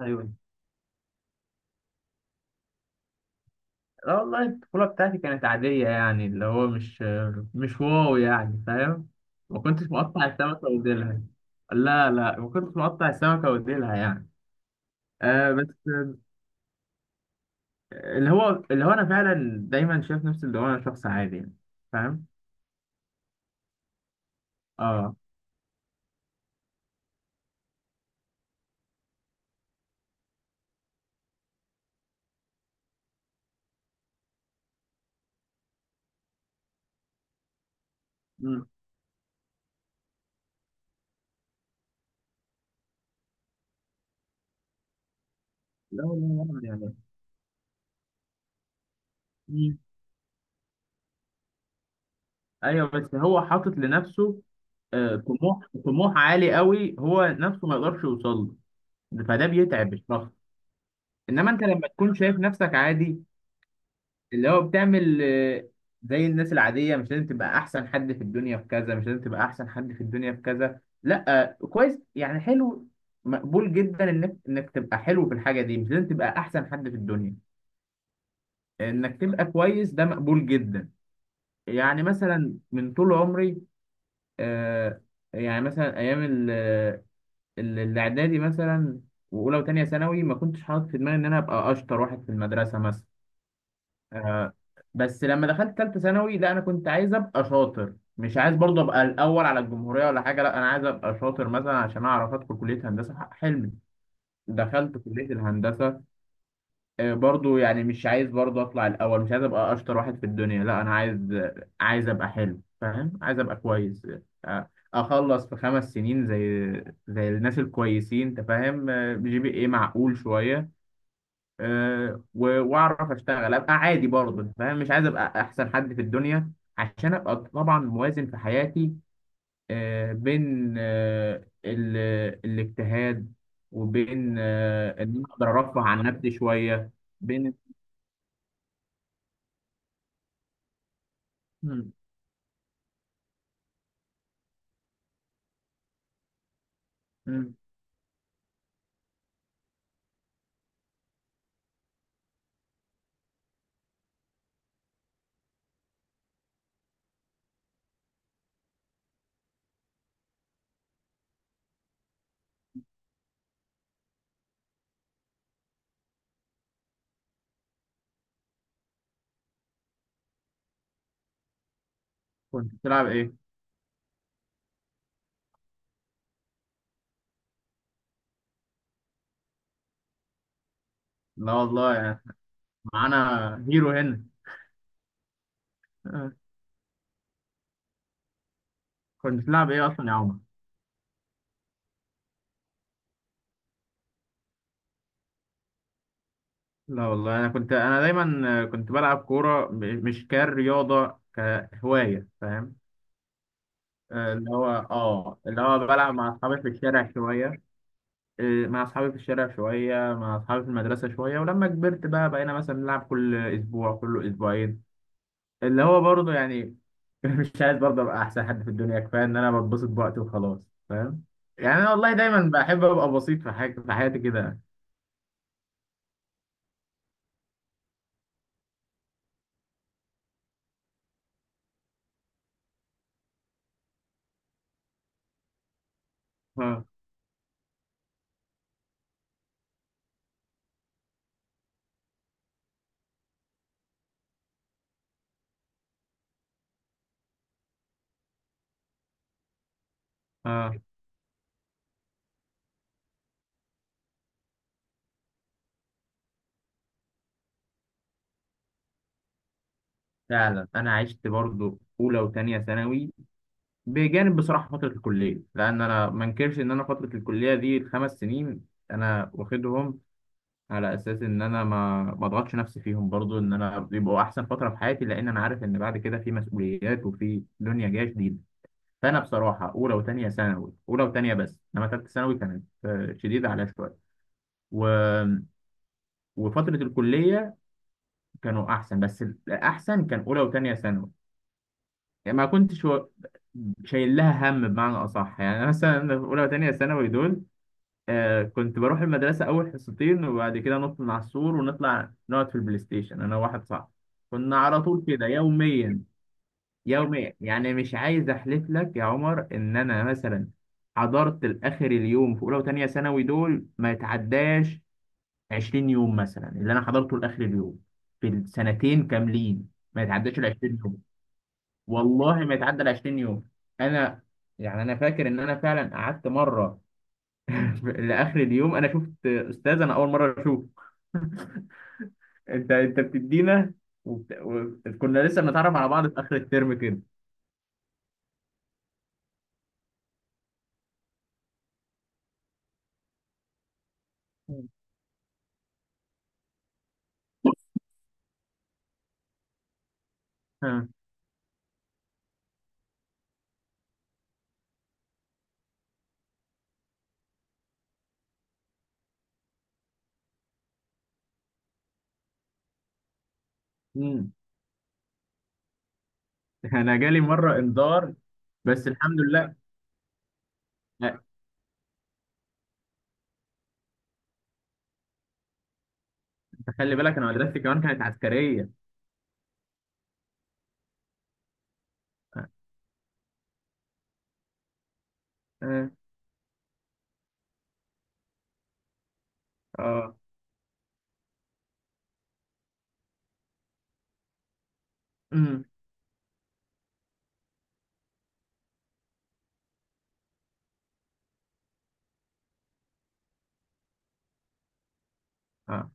ايوه. لا والله البطولة بتاعتي كانت عادية، يعني اللي هو مش واو، يعني، فاهم؟ ما كنتش مقطع السمكة وديلها. لا، لا، ما كنتش مقطع السمكة وديلها يعني. آه، بس اللي هو انا فعلا دايما شايف نفسي، اللي هو انا شخص عادي، يعني، فاهم؟ اه. مم. لا والله الواحد يعني. مم. ايوه، بس هو حاطط لنفسه آه، طموح طموح عالي قوي، هو نفسه ما يقدرش يوصل له، فده بيتعب الشخص. انما انت لما تكون شايف نفسك عادي، اللي هو بتعمل زي الناس العادية، مش لازم تبقى أحسن حد في الدنيا في كذا، مش لازم تبقى أحسن حد في الدنيا في كذا، لأ آه، كويس يعني، حلو، مقبول جدا، إنك تبقى حلو في الحاجة دي، مش لازم تبقى أحسن حد في الدنيا، إنك تبقى كويس ده مقبول جدا. يعني مثلا من طول عمري آه، يعني مثلا أيام الإعدادي مثلا، وأولى وتانية ثانوي ما كنتش حاطط في دماغي إن أنا أبقى أشطر واحد في المدرسة مثلا، آه، بس لما دخلت ثالثه ثانوي لا انا كنت عايز ابقى شاطر، مش عايز برضه ابقى الاول على الجمهوريه ولا حاجه، لا انا عايز ابقى شاطر مثلا عشان اعرف ادخل كليه هندسه حلمي. دخلت كليه الهندسه. برضه يعني مش عايز برضه اطلع الاول، مش عايز ابقى اشطر واحد في الدنيا، لا انا عايز، عايز ابقى حلو، فاهم، عايز ابقى كويس، اخلص في خمس سنين زي الناس الكويسين، انت فاهم، جي بي ايه معقول شويه، واعرف اشتغل ابقى عادي برضه، فاهم، مش عايز ابقى احسن حد في الدنيا عشان ابقى طبعا موازن في حياتي، بين الاجتهاد، وبين ان انا اقدر ارفه عن نفسي شويه. بين، مم، مم. كنت بتلعب ايه؟ لا والله يعني معانا هيرو هنا. آه، كنت بتلعب ايه اصلا يا عمر؟ لا والله انا كنت انا دايما كنت بلعب كوره، مش كرياضه كهوايه، فاهم، اللي هو اه، اللي هو بلعب مع اصحابي في الشارع شويه، مع اصحابي في الشارع شويه، مع اصحابي في المدرسه شويه، ولما كبرت بقى بقينا مثلا نلعب كل اسبوع كل اسبوعين، اللي هو برضه يعني مش عايز برضه ابقى احسن حد في الدنيا، كفايه ان انا بتبسط بوقتي وخلاص، فاهم، يعني انا والله دايما بحب ابقى بسيط في حاجه في حياتي كده. اه. اه، فعلا انا عشت برضه اولى وثانيه ثانوي بجانب بصراحه فتره الكليه، لان انا ما انكرش ان انا فتره الكليه دي الخمس سنين انا واخدهم على اساس ان انا ما اضغطش نفسي فيهم برضو، ان انا يبقوا احسن فتره في حياتي، لان انا عارف ان بعد كده في مسؤوليات وفي دنيا جايه جديده. فانا بصراحه اولى وثانيه ثانوي، اولى وثانيه بس، انما ثالثه ثانوي كانت شديده عليا شويه و... وفتره الكليه كانوا احسن، بس الاحسن كان اولى وثانيه ثانوي، يعني ما كنتش شايل لها هم بمعنى اصح، يعني أنا مثلا في اولى وثانيه ثانوي دول آه، كنت بروح المدرسة أول حصتين وبعد كده نط من على السور ونطلع نقعد في البلاي ستيشن، أنا وواحد صاحبي، كنا على طول كده يوميا. يوميا، يعني مش عايز أحلف لك يا عمر إن أنا مثلا حضرت لآخر اليوم في أولى وتانية ثانوي دول ما يتعداش 20 يوم مثلا، اللي أنا حضرته لآخر اليوم في السنتين كاملين ما يتعداش ال 20 يوم. والله ما يتعدى ال 20 يوم. أنا، يعني أنا فاكر إن أنا فعلا قعدت مرة لاخر اليوم، انا شفت استاذ انا اول مره اشوفه. انت بتدينا وبت... و... كنا لسه بنتعرف على بعض في اخر الترم كده. ها. مم. انا جالي مره انذار، بس الحمد لله. لا، خلي بالك انا مدرستي كمان كانت عسكريه. اه. اه. مم. آه.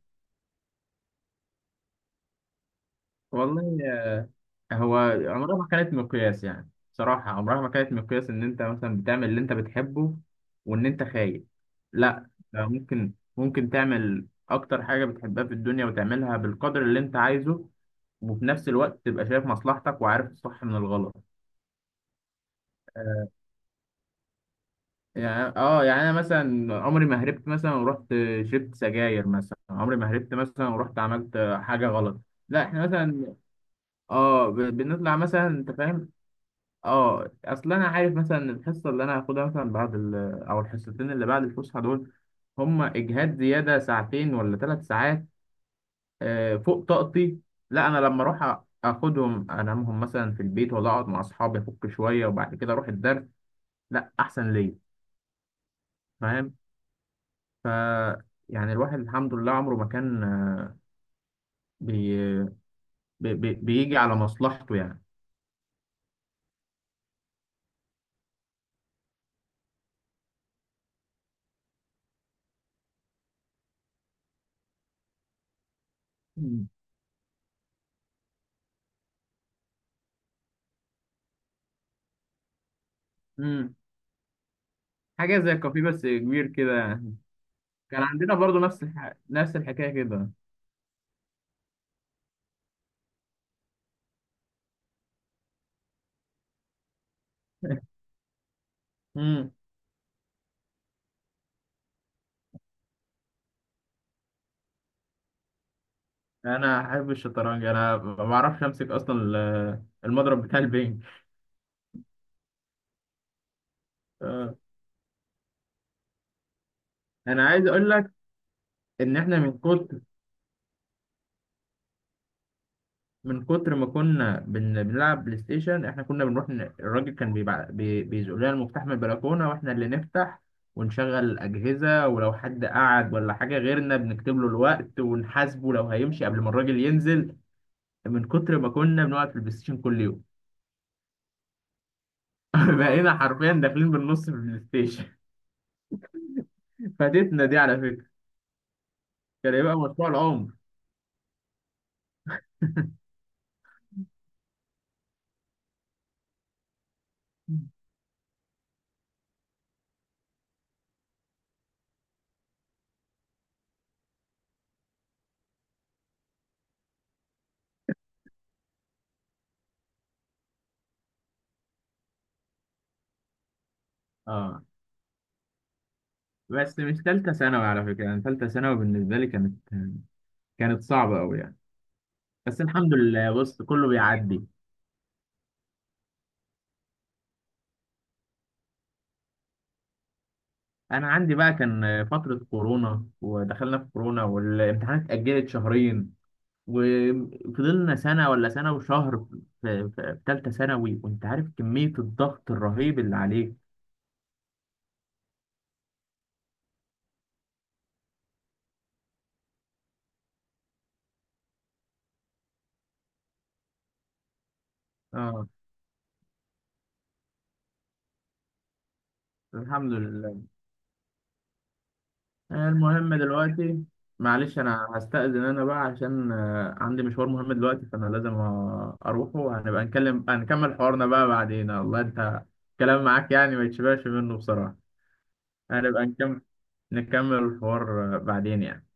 والله هو عمرها ما كانت مقياس، يعني صراحة عمرها ما كانت مقياس إن أنت مثلا بتعمل اللي أنت بتحبه وإن أنت خايف، لا ده ممكن ممكن تعمل أكتر حاجة بتحبها في الدنيا وتعملها بالقدر اللي أنت عايزه، وفي نفس الوقت تبقى شايف مصلحتك وعارف الصح من الغلط. آه، يعني اه، يعني انا مثلا عمري ما هربت مثلا ورحت شربت سجاير مثلا، عمري ما هربت مثلا ورحت عملت حاجه غلط، لا احنا مثلا اه بنطلع مثلا، انت فاهم، اه اصل انا عارف مثلا إن الحصه اللي انا هاخدها مثلا بعد او الحصتين اللي بعد الفسحه دول، هم اجهاد زياده ساعتين ولا ثلاث ساعات فوق طاقتي، لا انا لما اروح اخدهم انامهم مثلا في البيت، ولا اقعد مع اصحابي افك شويه وبعد كده اروح الدرس، لا احسن ليا، فاهم، ف يعني الواحد الحمد لله عمره ما كان بي... بيجي على مصلحته يعني. مم. امم، حاجه زي الكافيه بس كبير كده يعني. كان عندنا برضو نفس نفس الحكايه كده. امم. انا احب الشطرنج. انا ما بعرفش امسك اصلا المضرب بتاع البنج. آه. انا عايز اقول لك ان احنا من كتر، من كتر ما كنا بنلعب بلاي ستيشن، احنا كنا بنروح الراجل كان بيزق لنا المفتاح من البلكونه واحنا اللي نفتح ونشغل الاجهزه، ولو حد قعد ولا حاجه غيرنا بنكتب له الوقت ونحاسبه لو هيمشي قبل ما الراجل ينزل، من كتر ما كنا بنقعد في البلاي ستيشن كل يوم. بقينا حرفيا داخلين بالنص في البلاي ستيشن. فاتتنا دي على، كان يبقى مشروع العمر. اه، بس مش تالتة ثانوي على فكرة، يعني تالتة ثانوي بالنسبة لي كانت، كانت صعبة أوي يعني، بس الحمد لله بص كله بيعدي. أنا عندي بقى كان فترة كورونا ودخلنا في كورونا والامتحانات اتأجلت شهرين، وفضلنا سنة ولا سنة وشهر في تالتة ثانوي، وأنت عارف كمية الضغط الرهيب اللي عليك. اه. الحمد لله. المهم دلوقتي، معلش انا هستأذن انا بقى عشان عندي مشوار مهم دلوقتي، فانا لازم اروحه، وهنبقى نكلم هنكمل حوارنا بقى بعدين، والله انت كلام معاك يعني ما يتشبعش منه بصراحة، هنبقى نكمل، نكمل الحوار بعدين يعني.